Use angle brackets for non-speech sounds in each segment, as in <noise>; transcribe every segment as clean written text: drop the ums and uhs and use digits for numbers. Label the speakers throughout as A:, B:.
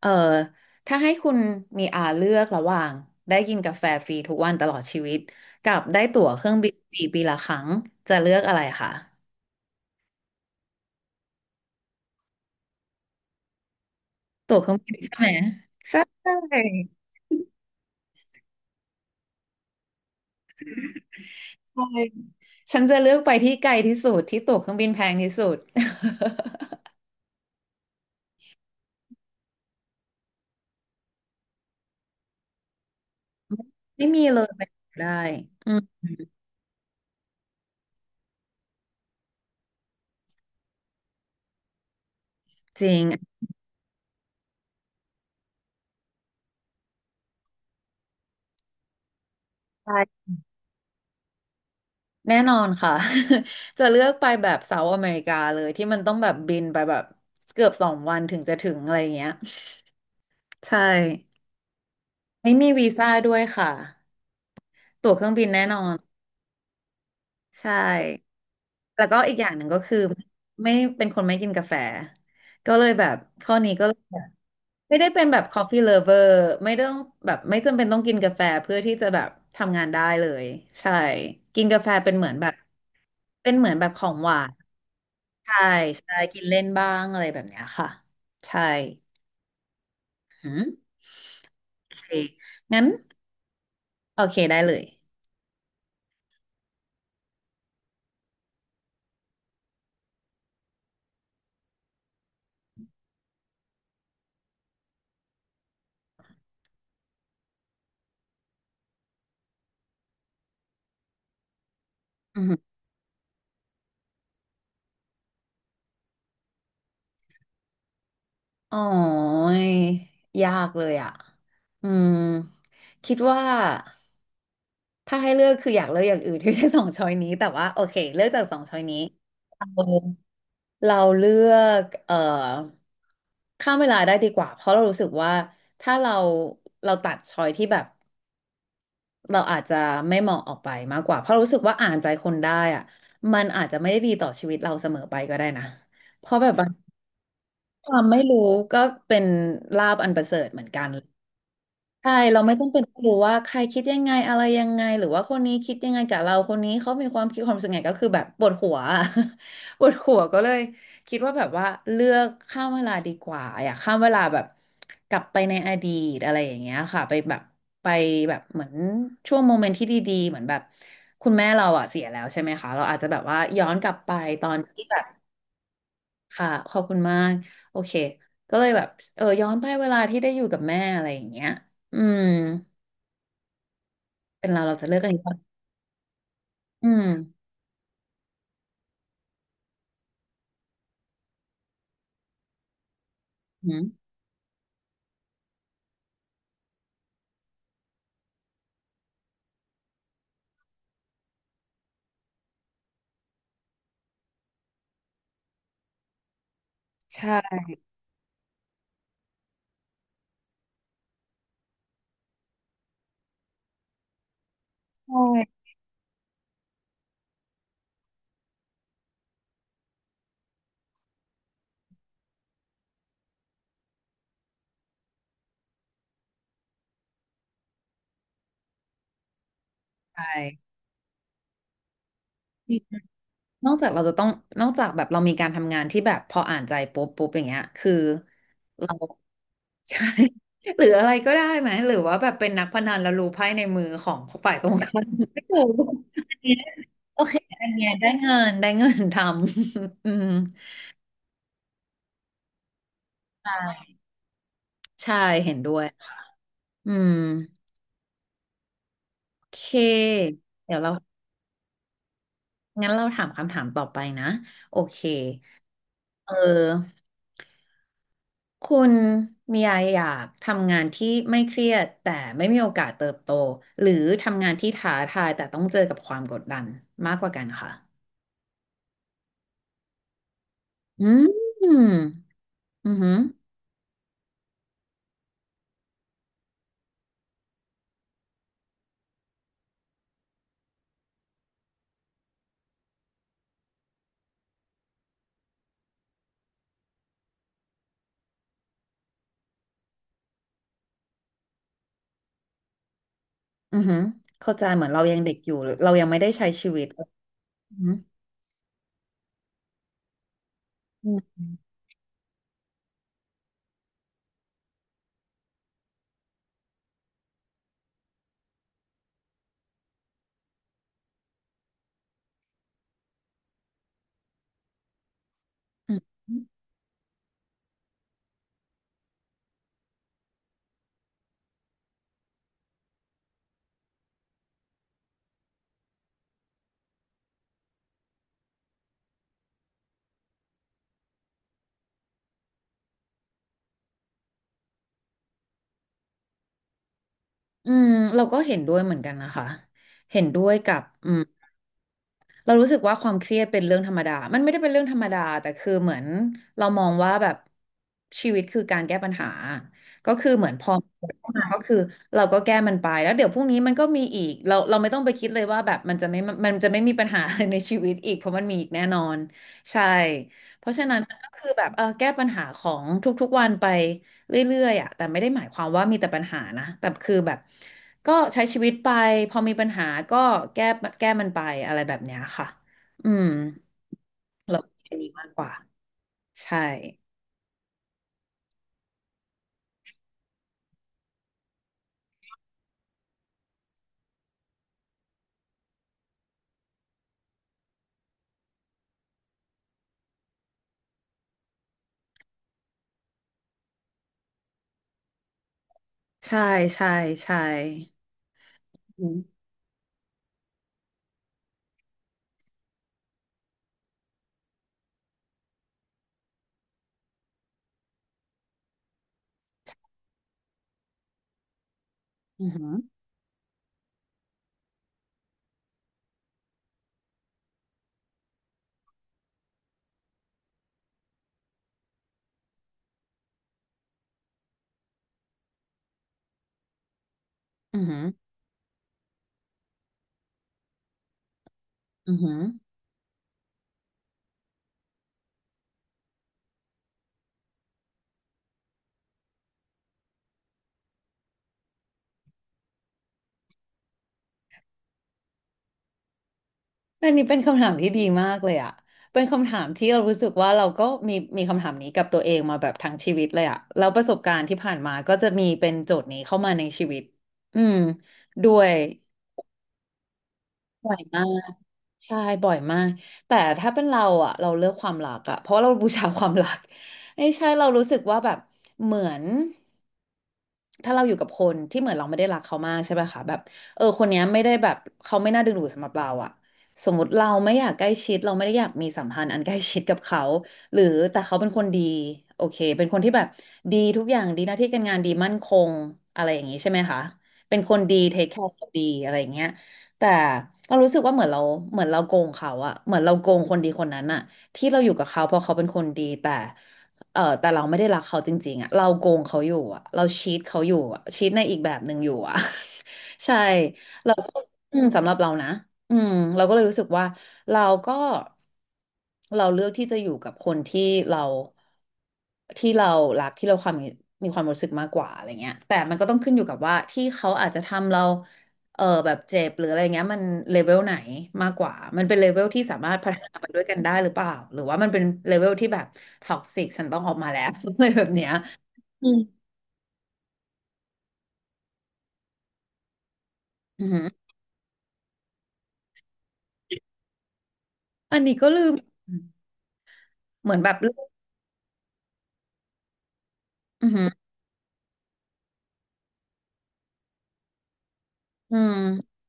A: เออถ้าให้คุณมีอาเลือกระหว่างได้กินกาแฟฟรีทุกวันตลอดชีวิตกับได้ตั๋วเครื่องบินฟรีปีละครั้งจะเลือกอะไรคะตั๋วเครื่องบินใช่ไหมใช่ใช่ฉันจะเลือกไปที่ไกลที่สุดที่ตั๋วเครื่องบินแพงที่สุด <laughs> ไม่มีเลยไปได้อืมจริงใช่แน่นอนค่ะ <laughs> จะเลือกไปแบบเซาท์อเมริกาเลยที่มันต้องแบบบินไปแบบเกือบสองวันถึงจะถึงอะไรอย่างเงี้ยใช่ ไม่มีวีซ่าด้วยค่ะตั๋วเครื่องบินแน่นอนใช่แล้วก็อีกอย่างหนึ่งก็คือไม่เป็นคนไม่กินกาแฟก็เลยแบบข้อนี้ก็เลยแบบไม่ได้เป็นแบบ coffee lover ไม่ต้องแบบไม่จำเป็นต้องกินกาแฟเพื่อที่จะแบบทำงานได้เลยใช่กินกาแฟเป็นเหมือนแบบเป็นเหมือนแบบของหวานใช่ใช่กินเล่นบ้างอะไรแบบเนี้ยค่ะใช่หืมโอเคงั้นโอเคได้เลย อ๋อยยากเลยอ่ะอืมคิดว่าถ้าให้เลือกคืออยากเลือกอย่างอื่นที่ไม่ใช่สองช้อยนี้แต่ว่าโอเคเลือกจากสองช้อยนี้เราเลือกข้ามเวลาได้ดีกว่าเพราะเรารู้สึกว่าถ้าเราเราตัดช้อยที่แบบเราอาจจะไม่เหมาะออกไปมากกว่าเพราะรู้สึกว่าอ่านใจคนได้อ่ะมันอาจจะไม่ได้ดีต่อชีวิตเราเสมอไปก็ได้นะ เพราะแบบบางความไม่รู้ก็เป็นลาภอันประเสริฐเหมือนกัน ใช่เราไม่ต้องเป็นรู้ว่าใครคิดยังไงอะไรยังไงหรือว่าคนนี้คิดยังไงกับเราคนนี้เขามีความคิดความรู้สึกไงก็คือแบบปวดหัว <laughs> ปวดหัวก็เลยคิดว่าแบบว่าเลือกข้ามเวลาดีกว่าอยากข้ามเวลาแบบกลับไปในอดีตอะไรอย่างเงี้ยค่ะไปแบบไปแบบเหมือนช่วงโมเมนต์ที่ดีๆเหมือนแบบคุณแม่เราอ่ะเสียแล้วใช่ไหมคะเราอาจจะแบบว่าย้อนกลับไปตอนที่แบบค่ะขอบคุณมากโอเคก็เลยแบบเออย้อนไปเวลาที่ได้อยู่กับแม่อะไรอย่างเงี้ยอืม เป็นเราเราจะเลือกอันนี้ก่อนอืมอืมใช่ใช่นอกจากเราจะต้องนอกจากแบบเรามีการทำงานที่แบบพออ่านใจปุ๊บปุ๊บอย่างเงี้ยคือเรา <laughs> ใช่ <laughs> หรืออะไรก็ได้ไหมหรือว่าแบบเป็นนักพนันแล้วรู้ไพ่ในมือของฝ่ายตรงข้าม <laughs> ไม่ถูกอันเนี้ยโอเคอันเนี้ยได้เงินได้เงินทำ <laughs> อืมใช่ใช่เห็นด้วยอืมโอเคเดี๋ยวเรางั้นเราถามคำถามต่อไปนะโอเคเออ คุณมียาอยากทำงานที่ไม่เครียดแต่ไม่มีโอกาสเติบโตหรือทำงานที่ท้าทายแต่ต้องเจอกับความกดดันมากกว่ากันค่ะอืมอือหืออือหือเข้าใจเหมือนเรายังเด็กอยู่หรือเรายังไม่ได้ใช้ชีวิตอือหืออืมอืมอืมเราก็เห็นด้วยเหมือนกันนะคะเห็นด้วยกับอืม เรารู้สึกว่าความเครียดเป็นเรื่องธรรมดา มันไม่ได้เป็นเรื่องธรรมดาแต่คือเหมือนเรามองว่าแบบชีวิตคือการแก้ปัญหาก็คือเหมือนพอมันเข้ามาก็คือเราก็แก้มันไปแล้วเดี๋ยวพรุ่งนี้มันก็มีอีกเราเราไม่ต้องไปคิดเลยว่าแบบมันจะไม่มันจะไม่มีปัญหาอะไรในชีวิตอีกเพราะมันมีอีกแน่นอนใช่เพราะฉะนั้นก็คือแบบเออแก้ปัญหาของทุกๆวันไป เรื่อยๆอ่ะแต่ไม่ได้หมายความว่ามีแต่ปัญหานะแต่คือแบบก็ใช้ชีวิตไปพอมีปัญหาก็แก้แก้มันไปอะไรแบบเนี้ยค่ะอืมเราแค่างนี้มากกว่าใช่ใช่ใช่ใช่อืมอืมออืมออือหืออันนี้เป็นคำถามที่ดีมากเลยอ่ะเป็นคำถามที่เรารู้สึกว่าเราก็มีมีคำถามนี้กับตัวเองมาแบบทั้งชีวิตเลยอ่ะแล้วประสบการณ์ที่ผ่านมาก็จะมีเป็นโจทย์นี้เข้ามาในชีวิตอืมด้วยบ่อยมาก ใช่บ่อยมากแต่ถ้าเป็นเราอะเราเลือกความรักอะเพราะว่าเราบูชาความรัก <laughs> ไม่ใช่เรารู้สึกว่าแบบเหมือนถ้าเราอยู่กับคนที่เหมือนเราไม่ได้รักเขามากใช่ไหมคะแบบเออคนเนี้ยไม่ได้แบบเขาไม่น่าดึงดูดสำหรับเราอะสมมติเราไม่อยากใกล้ชิดเราไม่ได้อยากมีสัมพันธ์อันใกล้ชิดกับเขาหรือแต่เขาเป็นคนดีโอเคเป็นคนที่แบบดีทุกอย่างดีหน้าที่การงานดีมั่นคงอะไรอย่างนี้ใช่ไหมคะเป็นคนดีเทคแคร์ดีอะไรอย่างเงี้ย แต่เรารู้สึกว่าเหมือนเราโกงเขาอะเหมือนเราโกงคนดีคนนั้นอะที่เราอยู่กับเขาเพราะเขาเป็นคนดีแต่แต่เราไม่ได้รักเขาจริงๆอะเราโกงเขาอยู่อะเราชีทเขาอยู่อะชีทในอีกแบบหนึ่งอยู่อะ ใช่เราก็อืมสำหรับเรานะอืมเราก็เลยรู้สึกว่าเราก็เราเลือกที่จะอยู่กับคนที่เราเรารักที่เรามีความรู้สึกมากกว่าอะไรเงี้ยแต่มันก็ต้องขึ้นอยู่กับว่าที่เขาอาจจะทำเราแบบเจ็บหรืออะไรเงี้ยมันเลเวลไหนมากกว่ามันเป็นเลเวลที่สามารถพัฒนาไปด้วยกันได้หรือเปล่าหรือว่ามันเป็นเลเวลที่แบบท็อกซิกฉันต้องออกมาแล้ว <laughs> อะไรแบบเนี้ยอืมอือหืออันนี้ก็ลืมเหมือนแบบอือหือ อืม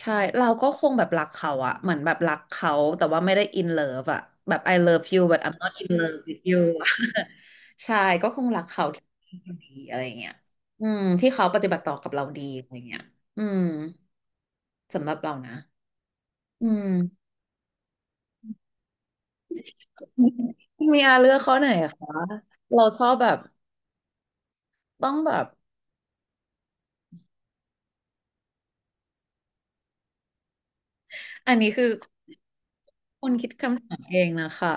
A: ใช่เราก็คงแบบรักเขาอะเหมือนแบบรักเขาแต่ว่าไม่ได้ in love อะแบบ I love you but I'm not in love with you อะใช่ก็คงรักเขาที่ดีอะไรเงี้ยอืมที่เขาปฏิบัติต่อกับเราดีอะไรเงี้ยอืมสำหรับเรานะอืมมีอาเลือกข้อไหนอะคะเราชอบแบบต้องแบบอันนี้คือคนคิดคำถามเองนะคะ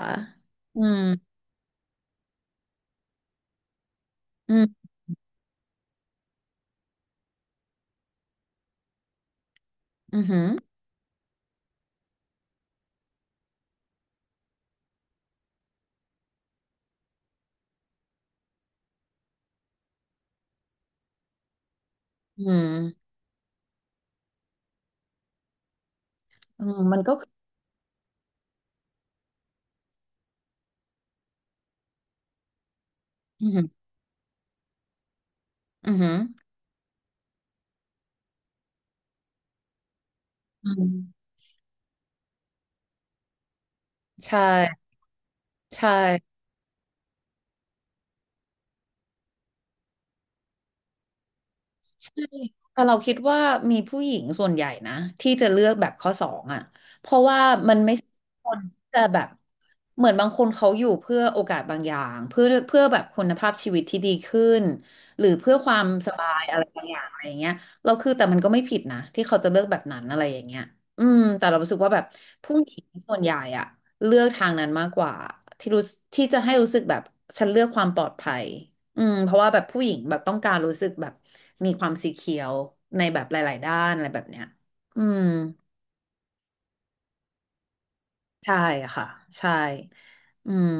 A: อืมอืมอือหืออืมอืมมันก็คืออือหืออือหืออืม ใช่ใช่ใช่แต่เราคิดว่ามีผู้หญิงส่วนใหญ่นะที่จะเลือกแบบข้อสองอ่ะเพราะว่ามันไม่ใช่คนที่จะแบบเหมือนบางคนเขาอยู่เพื่อโอกาสบางอย่างเพื่อแบบคุณภาพชีวิตที่ดีขึ้นหรือเพื่อความสบายอะไรบางอย่างอะไรอย่างเงี้ยเราคือแต่มันก็ไม่ผิดนะที่เขาจะเลือกแบบนั้นอะไรอย่างเงี้ยอืมแต่เรารู้สึกว่าแบบผู้หญิงส่วนใหญ่อ่ะเลือกทางนั้นมากกว่าที่รู้ที่จะให้รู้สึกแบบฉันเลือกความปลอดภัย อืมเพราะว่าแบบผู้หญิงแบบต้องการรู้สึกแบบมีความสีเขียวในแบบหลายๆด้านอะไรแบบเนี้ยอืมใช่ค่ะใช่อืม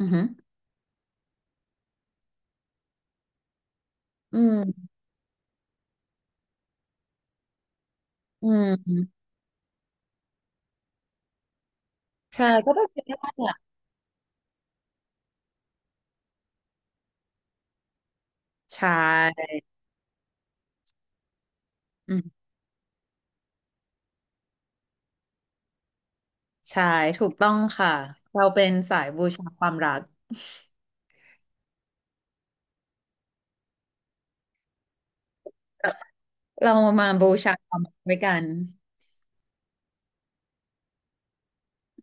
A: อือหืออืมอืมใช่ก็ต้องเป็นได้อ่ะใช่อืมใช่ถูกต้องค่ะเราเป็นสายบูชาความรักเรามาบูชาความรักด้วยกัน